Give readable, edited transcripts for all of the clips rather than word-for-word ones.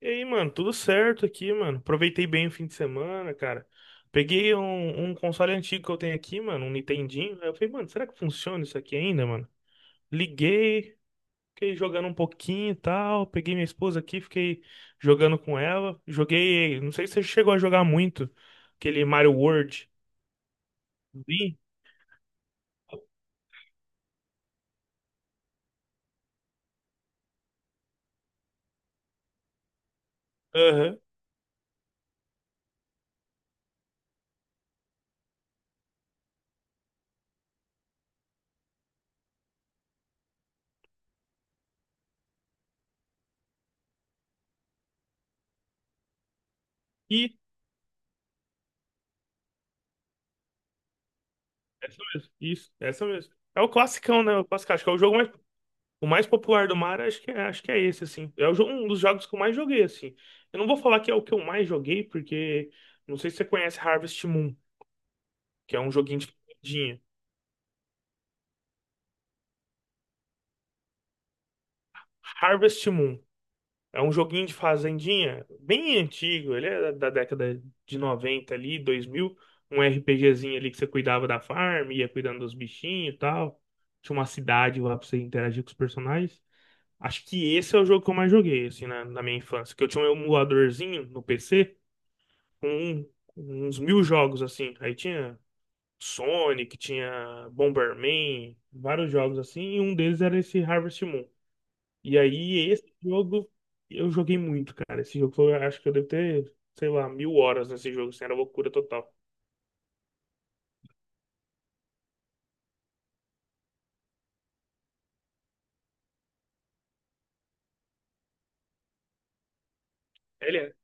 E aí, mano, tudo certo aqui, mano. Aproveitei bem o fim de semana, cara. Peguei um console antigo que eu tenho aqui, mano, um Nintendinho. Aí eu falei, mano, será que funciona isso aqui ainda, mano? Liguei, fiquei jogando um pouquinho e tal. Peguei minha esposa aqui, fiquei jogando com ela. Joguei, não sei se você chegou a jogar muito, aquele Mario World. Sim, aham. E essa mesmo, isso, essa mesmo. É o classicão, né? O clássico, acho que é o mais popular do mar, acho que é esse, assim. É um dos jogos que eu mais joguei, assim. Eu não vou falar que é o que eu mais joguei, porque não sei se você conhece Harvest Moon, que é um joguinho de fazendinha. Harvest Moon é um joguinho de fazendinha bem antigo, ele é da década de 90 ali, 2000. Um RPGzinho ali que você cuidava da farm, ia cuidando dos bichinhos e tal. Tinha uma cidade lá pra você interagir com os personagens. Acho que esse é o jogo que eu mais joguei, assim, na, na minha infância, que eu tinha um emuladorzinho no PC com uns mil jogos assim. Aí tinha Sonic, tinha Bomberman, vários jogos assim, e um deles era esse Harvest Moon. E aí esse jogo eu joguei muito, cara. Esse jogo foi, acho que eu devo ter, sei lá, 1.000 horas nesse jogo, assim, era loucura total. Ele é?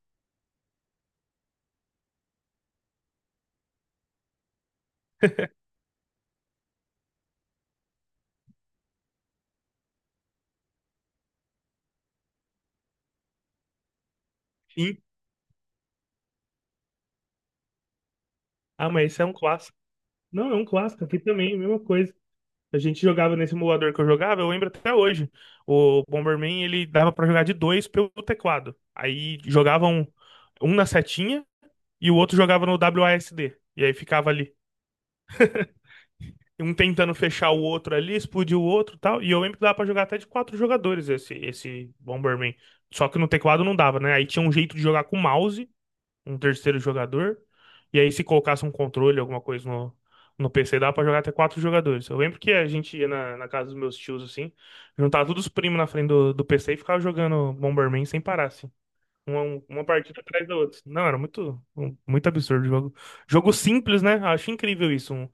Sim. Ah, mas isso é um clássico. Não, é um clássico aqui também, a mesma coisa. A gente jogava nesse emulador que eu jogava, eu lembro até hoje. O Bomberman, ele dava pra jogar de dois pelo teclado. Aí jogavam um na setinha. E o outro jogava no WASD. E aí ficava ali. Um tentando fechar o outro ali, explodir o outro e tal. E eu lembro que dava pra jogar até de quatro jogadores esse Bomberman. Só que no teclado não dava, né? Aí tinha um jeito de jogar com mouse, um terceiro jogador. E aí, se colocasse um controle, alguma coisa no PC, dava pra jogar até quatro jogadores. Eu lembro que a gente ia na casa dos meus tios, assim, juntava todos os primos na frente do PC e ficava jogando Bomberman sem parar, assim. Uma partida atrás da outra. Não, era muito absurdo o jogo. Jogo simples, né? Acho incrível isso.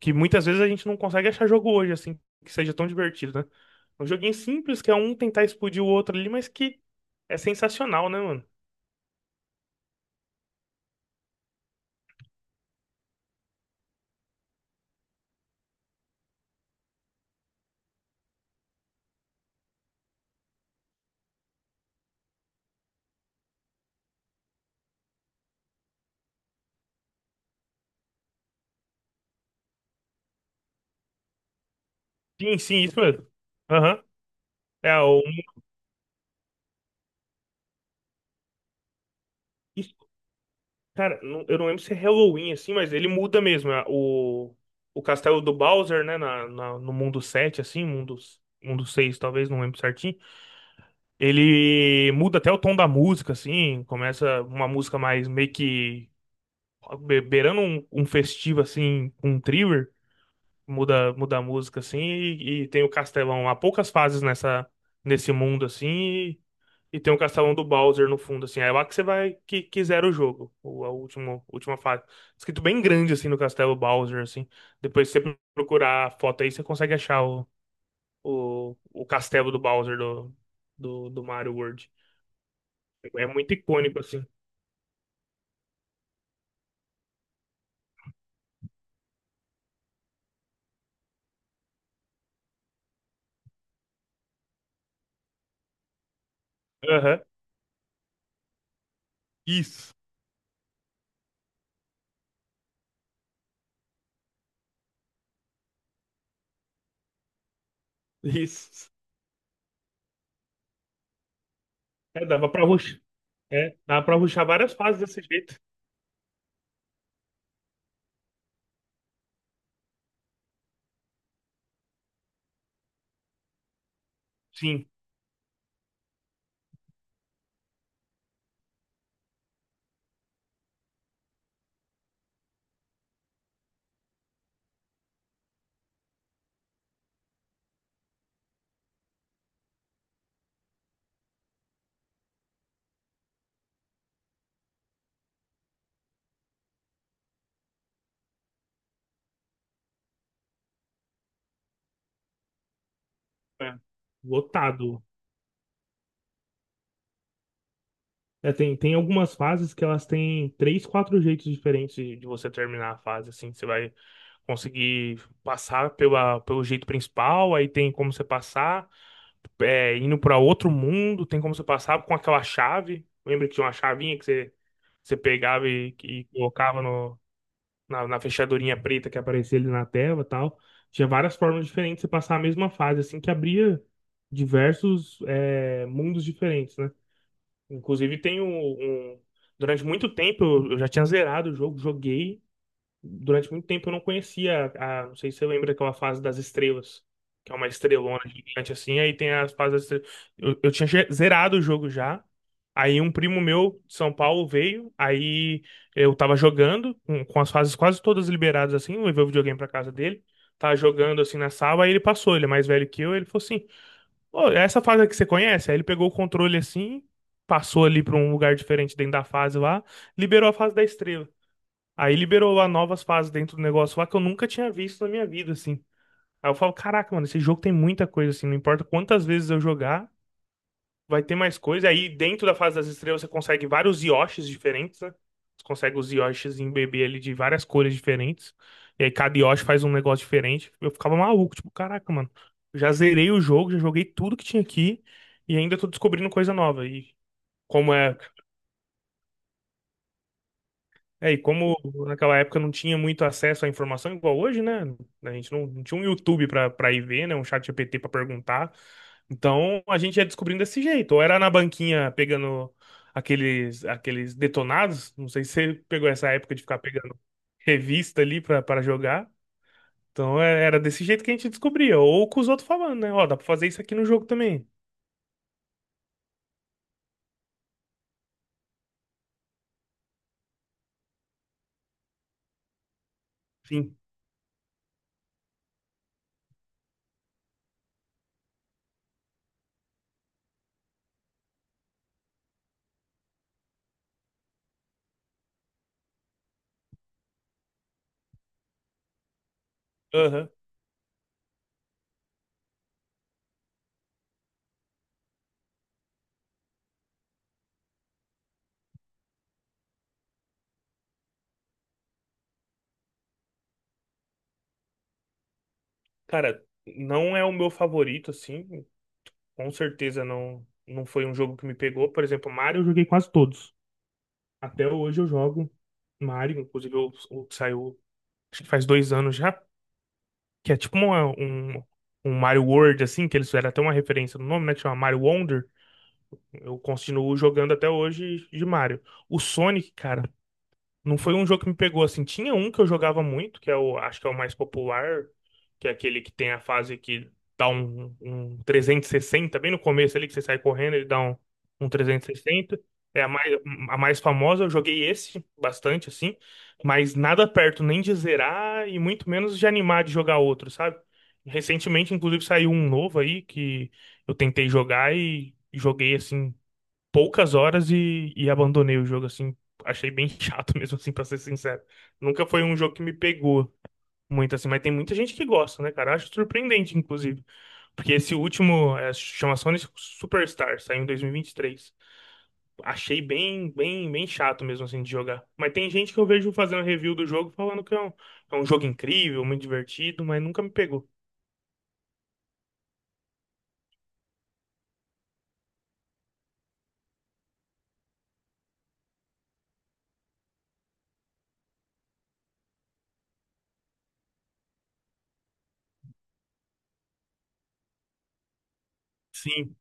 Que muitas vezes a gente não consegue achar jogo hoje, assim, que seja tão divertido, né? Um joguinho simples, que é um tentar explodir o outro ali, mas que é sensacional, né, mano? Sim, sim, isso mesmo. Aham. É, isso- cara, eu não lembro se é Halloween, assim, mas ele muda mesmo. O castelo do Bowser, né, no mundo sete, assim, mundo 6 talvez, não lembro certinho. Ele muda até o tom da música, assim, começa uma música mais meio que beirando um festivo, assim, com um thriller. Muda a música, assim, e tem o Castelão. Há poucas fases nessa, nesse mundo, assim, e tem o Castelão do Bowser no fundo, assim. É lá que você vai, que quiser o jogo, a última fase. Escrito bem grande, assim, no Castelo Bowser, assim. Depois, se você procurar a foto aí, você consegue achar o Castelo do Bowser do Mario World. É muito icônico, assim. Aham. Isso. Isso. É, dava pra ruxar. É, dava pra ruxar várias fases desse jeito. Sim. É. Lotado. É, tem algumas fases que elas têm três, quatro jeitos diferentes de você terminar a fase, assim. Você vai conseguir passar pelo jeito principal, aí tem como você passar, indo pra outro mundo, tem como você passar com aquela chave. Lembra que tinha uma chavinha que você pegava e colocava no, na, na fechadurinha preta que aparecia ali na tela e tal. Tinha várias formas diferentes de você passar a mesma fase, assim, que abria diversos mundos diferentes, né? Inclusive tem. Um- Durante muito tempo eu já tinha zerado o jogo, joguei. Durante muito tempo eu não conhecia, não sei se você lembra aquela fase das estrelas, que é uma estrelona gigante assim, aí tem as fases das estrelas. Eu tinha zerado o jogo já. Aí um primo meu de São Paulo veio, aí eu tava jogando com as fases quase todas liberadas, assim, eu levei o videogame pra casa dele, tava jogando assim na sala, aí ele passou, ele é mais velho que eu, ele falou assim: "Ô, é essa fase que você conhece?" Aí ele pegou o controle assim, passou ali pra um lugar diferente dentro da fase lá, liberou a fase da estrela. Aí liberou lá novas fases dentro do negócio lá que eu nunca tinha visto na minha vida, assim. Aí eu falo, caraca, mano, esse jogo tem muita coisa, assim, não importa quantas vezes eu jogar, vai ter mais coisa. Aí dentro da fase das estrelas você consegue vários Yoshis diferentes, né? Você consegue os Yoshis em bebê ali de várias cores diferentes. E aí cada Yoshi faz um negócio diferente. Eu ficava maluco, tipo, caraca, mano, já zerei o jogo, já joguei tudo que tinha aqui e ainda tô descobrindo coisa nova. Como é e como naquela época não tinha muito acesso à informação igual hoje, né? A gente não tinha um YouTube pra para ir ver, né? Um chat GPT pra perguntar. Então a gente ia descobrindo desse jeito. Ou era na banquinha pegando aqueles detonados. Não sei se você pegou essa época de ficar pegando revista ali pra para jogar. Então era desse jeito que a gente descobria. Ou com os outros falando, né? Ó, dá pra fazer isso aqui no jogo também. Sim. Aham. Cara, não é o meu favorito, assim. Com certeza não, não foi um jogo que me pegou. Por exemplo, Mario eu joguei quase todos. Até hoje eu jogo Mario, inclusive o que saiu, acho que faz 2 anos já, que é tipo um Mario World, assim, que eles fizeram até uma referência no nome, né? Que chama Mario Wonder. Eu continuo jogando até hoje de Mario. O Sonic, cara, não foi um jogo que me pegou assim. Tinha um que eu jogava muito, que acho que é o mais popular, que é aquele que tem a fase que dá um 360 bem no começo ali, que você sai correndo, ele dá um 360. É a mais famosa, eu joguei esse bastante, assim, mas nada perto nem de zerar e muito menos de animar de jogar outro, sabe? Recentemente, inclusive, saiu um novo aí que eu tentei jogar e joguei assim poucas horas e abandonei o jogo, assim. Achei bem chato mesmo, assim, pra ser sincero. Nunca foi um jogo que me pegou muito, assim, mas tem muita gente que gosta, né, cara? Acho surpreendente, inclusive. Porque esse último chama Sonic Superstar, saiu em 2023. Achei bem, bem, bem chato mesmo, assim, de jogar. Mas tem gente que eu vejo fazendo review do jogo falando que é um jogo incrível, muito divertido, mas nunca me pegou. Sim.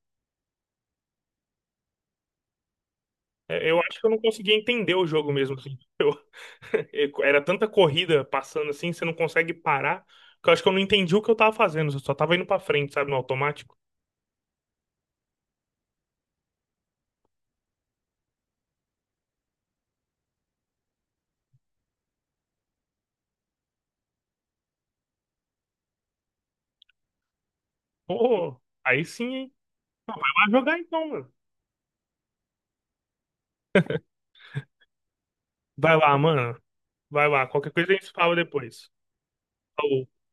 É, eu acho que eu não consegui entender o jogo mesmo, assim. Era tanta corrida passando assim, você não consegue parar. Que eu acho que eu não entendi o que eu tava fazendo. Eu só tava indo pra frente, sabe, no automático. Pô, aí sim, hein? Vai jogar então, mano. Vai lá, mano. Vai lá. Qualquer coisa a gente se fala depois. Falou.